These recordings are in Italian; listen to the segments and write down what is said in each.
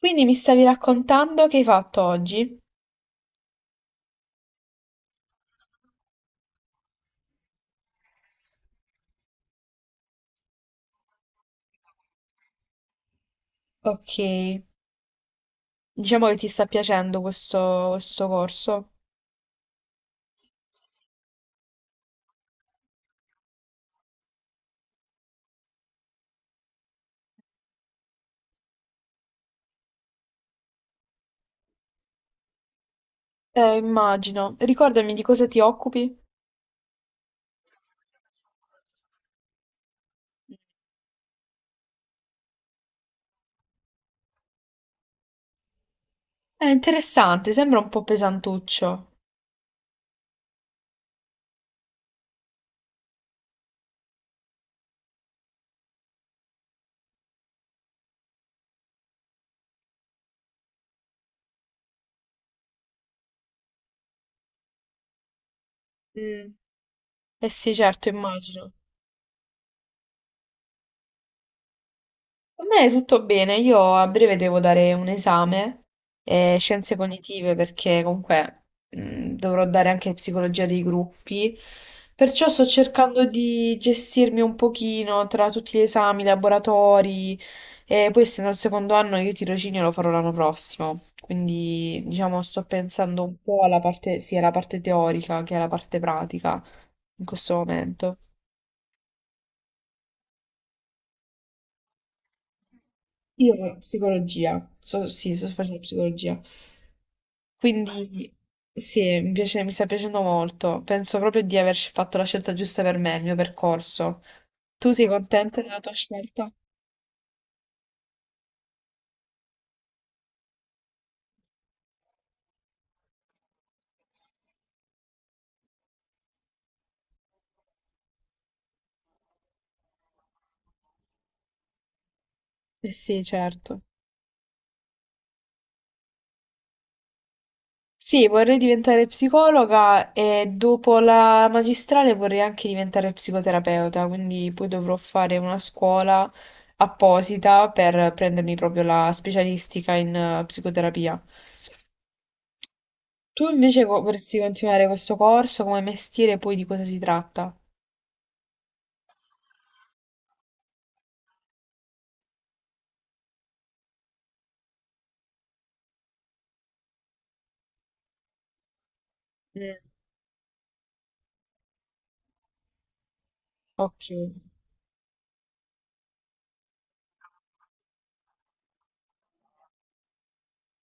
Quindi mi stavi raccontando che hai fatto oggi? Ok, diciamo che ti sta piacendo questo corso. Immagino. Ricordami di cosa ti occupi? È interessante, sembra un po' pesantuccio. Mm. Eh sì, certo, immagino. A me è tutto bene, io a breve devo dare un esame, scienze cognitive, perché comunque dovrò dare anche psicologia dei gruppi, perciò sto cercando di gestirmi un pochino tra tutti gli esami, i laboratori, e poi essendo il secondo anno io tirocinio lo farò l'anno prossimo, quindi diciamo sto pensando un po' alla parte, sia alla parte teorica che alla parte pratica in questo momento. Io psicologia, sì, sto facendo psicologia. Quindi sì, mi sta piacendo molto. Penso proprio di aver fatto la scelta giusta per me, il mio percorso. Tu sei contenta della tua scelta? Eh sì, certo. Sì, vorrei diventare psicologa e dopo la magistrale vorrei anche diventare psicoterapeuta, quindi poi dovrò fare una scuola apposita per prendermi proprio la specialistica in psicoterapia. Tu invece vorresti continuare questo corso come mestiere, poi di cosa si tratta? Mm. Ok.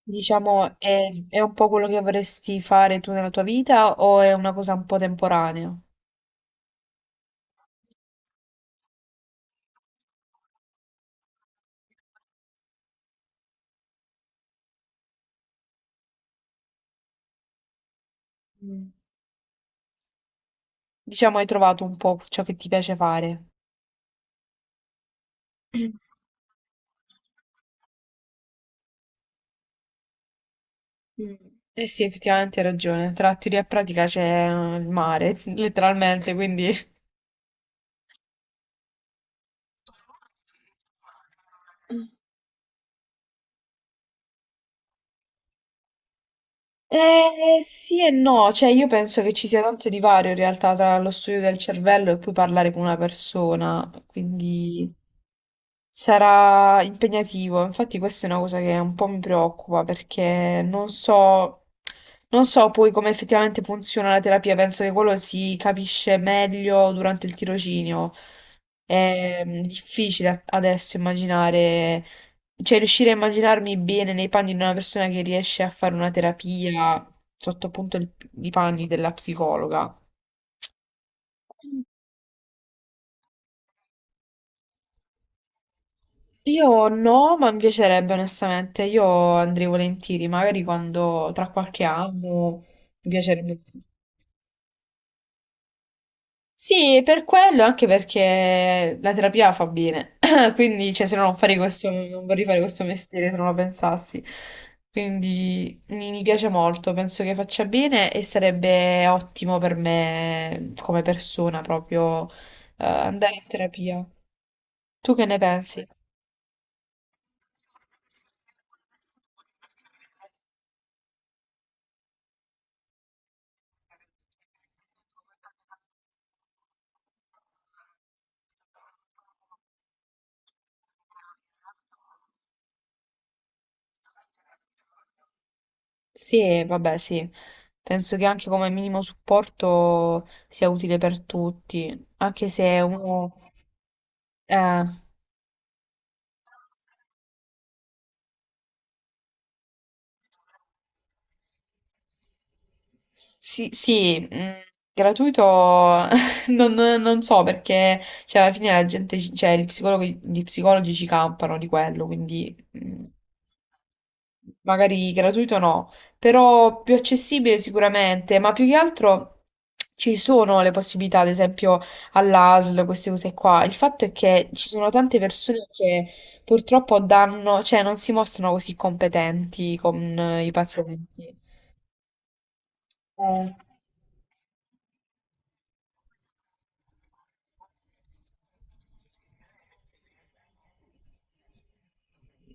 Diciamo, è un po' quello che vorresti fare tu nella tua vita o è una cosa un po' temporanea? Mm. Diciamo, hai trovato un po' ciò che ti piace fare. Mm. Eh sì, effettivamente hai ragione. Tra teoria e pratica c'è il mare, letteralmente, quindi... Eh sì e no, cioè io penso che ci sia tanto divario in realtà tra lo studio del cervello e poi parlare con una persona, quindi... Sarà impegnativo, infatti questa è una cosa che un po' mi preoccupa perché non so, non so poi come effettivamente funziona la terapia, penso che quello si capisce meglio durante il tirocinio. È difficile adesso immaginare, cioè riuscire a immaginarmi bene nei panni di una persona che riesce a fare una terapia sotto appunto i panni della psicologa. Io no, ma mi piacerebbe onestamente, io andrei volentieri, magari quando tra qualche anno mi piacerebbe. Sì, per quello, anche perché la terapia fa bene, quindi cioè, se no non farei questo, non vorrei fare questo mestiere se non lo pensassi. Quindi mi piace molto, penso che faccia bene e sarebbe ottimo per me come persona proprio andare in terapia. Tu che ne pensi? Sì, vabbè, sì. Penso che anche come minimo supporto sia utile per tutti, anche se uno... Eh, sì, sì, gratuito non, non so perché, cioè, alla fine la gente, cioè, gli psicologi ci campano di quello, quindi magari gratuito no, però più accessibile sicuramente, ma più che altro ci sono le possibilità, ad esempio all'ASL, queste cose qua. Il fatto è che ci sono tante persone che purtroppo danno, cioè non si mostrano così competenti con i pazienti. Eh.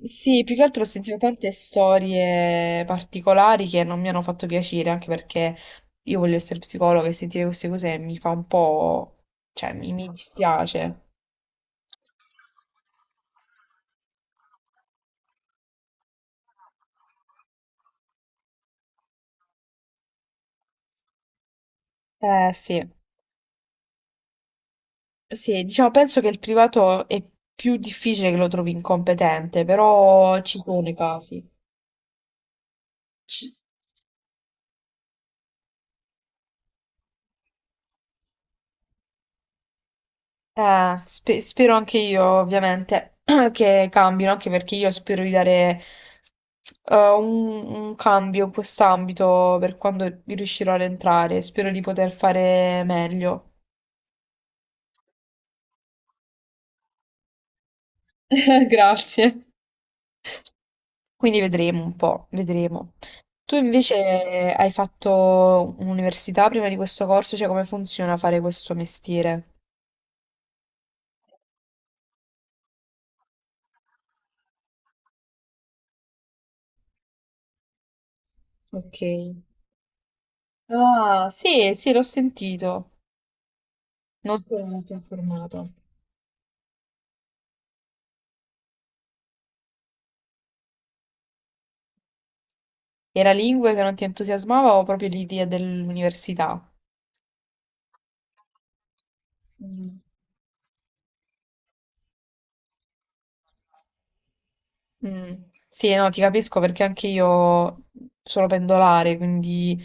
Sì, più che altro ho sentito tante storie particolari che non mi hanno fatto piacere, anche perché io voglio essere psicologa e sentire queste cose mi fa un po'... cioè mi dispiace. Eh sì, sì, diciamo, penso che il privato è più difficile che lo trovi incompetente, però ci sono i casi. Ci- spero anche io, ovviamente, che cambino, anche perché io spero di dare un cambio in quest'ambito per quando riuscirò ad entrare. Spero di poter fare meglio. Grazie. Quindi vedremo un po', vedremo. Tu invece hai fatto un'università prima di questo corso, cioè come funziona fare questo mestiere? Ok. Ah, sì, sì, l'ho sentito. Non sono molto informato. Era lingue che non ti entusiasmava o proprio l'idea dell'università? Mm. Mm. Sì, no, ti capisco perché anche io sono pendolare, quindi...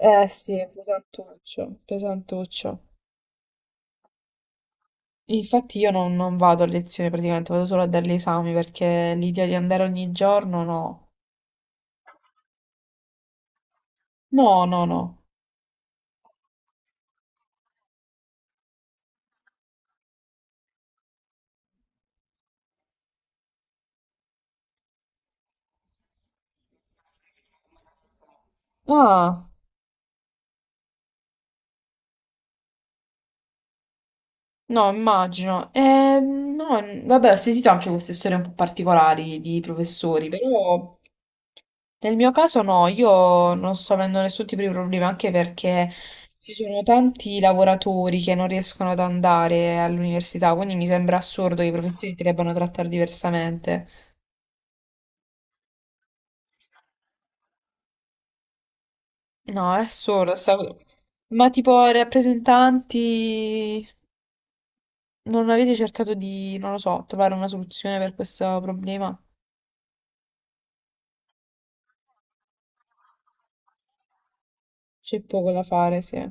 Eh sì, è pesantuccio, pesantuccio. Infatti io non, non vado a lezione praticamente, vado solo a dare gli esami perché l'idea di andare ogni giorno, no. No, no, no. Ah. No, immagino. No, vabbè, ho sentito anche queste storie un po' particolari di professori, però nel mio caso no, io non sto avendo nessun tipo di problema, anche perché ci sono tanti lavoratori che non riescono ad andare all'università, quindi mi sembra assurdo che i professori ti debbano trattare diversamente. No, è assurdo sta cosa. Ma tipo rappresentanti, non avete cercato di, non lo so, trovare una soluzione per questo problema? C'è poco da fare, sì.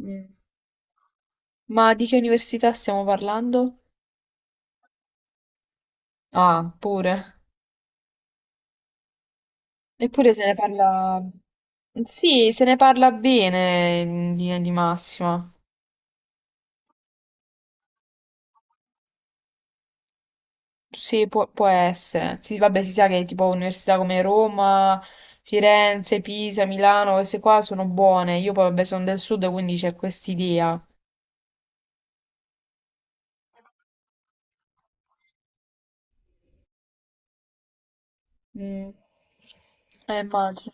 Mm. Ma di che università stiamo parlando? Ah, pure. Eppure se ne parla... Sì, se ne parla bene in linea di massima. Sì, può essere. Sì, vabbè, si sa che tipo università come Roma, Firenze, Pisa, Milano, queste qua sono buone. Io poi vabbè sono del sud, quindi c'è quest'idea. Mm. Immagino.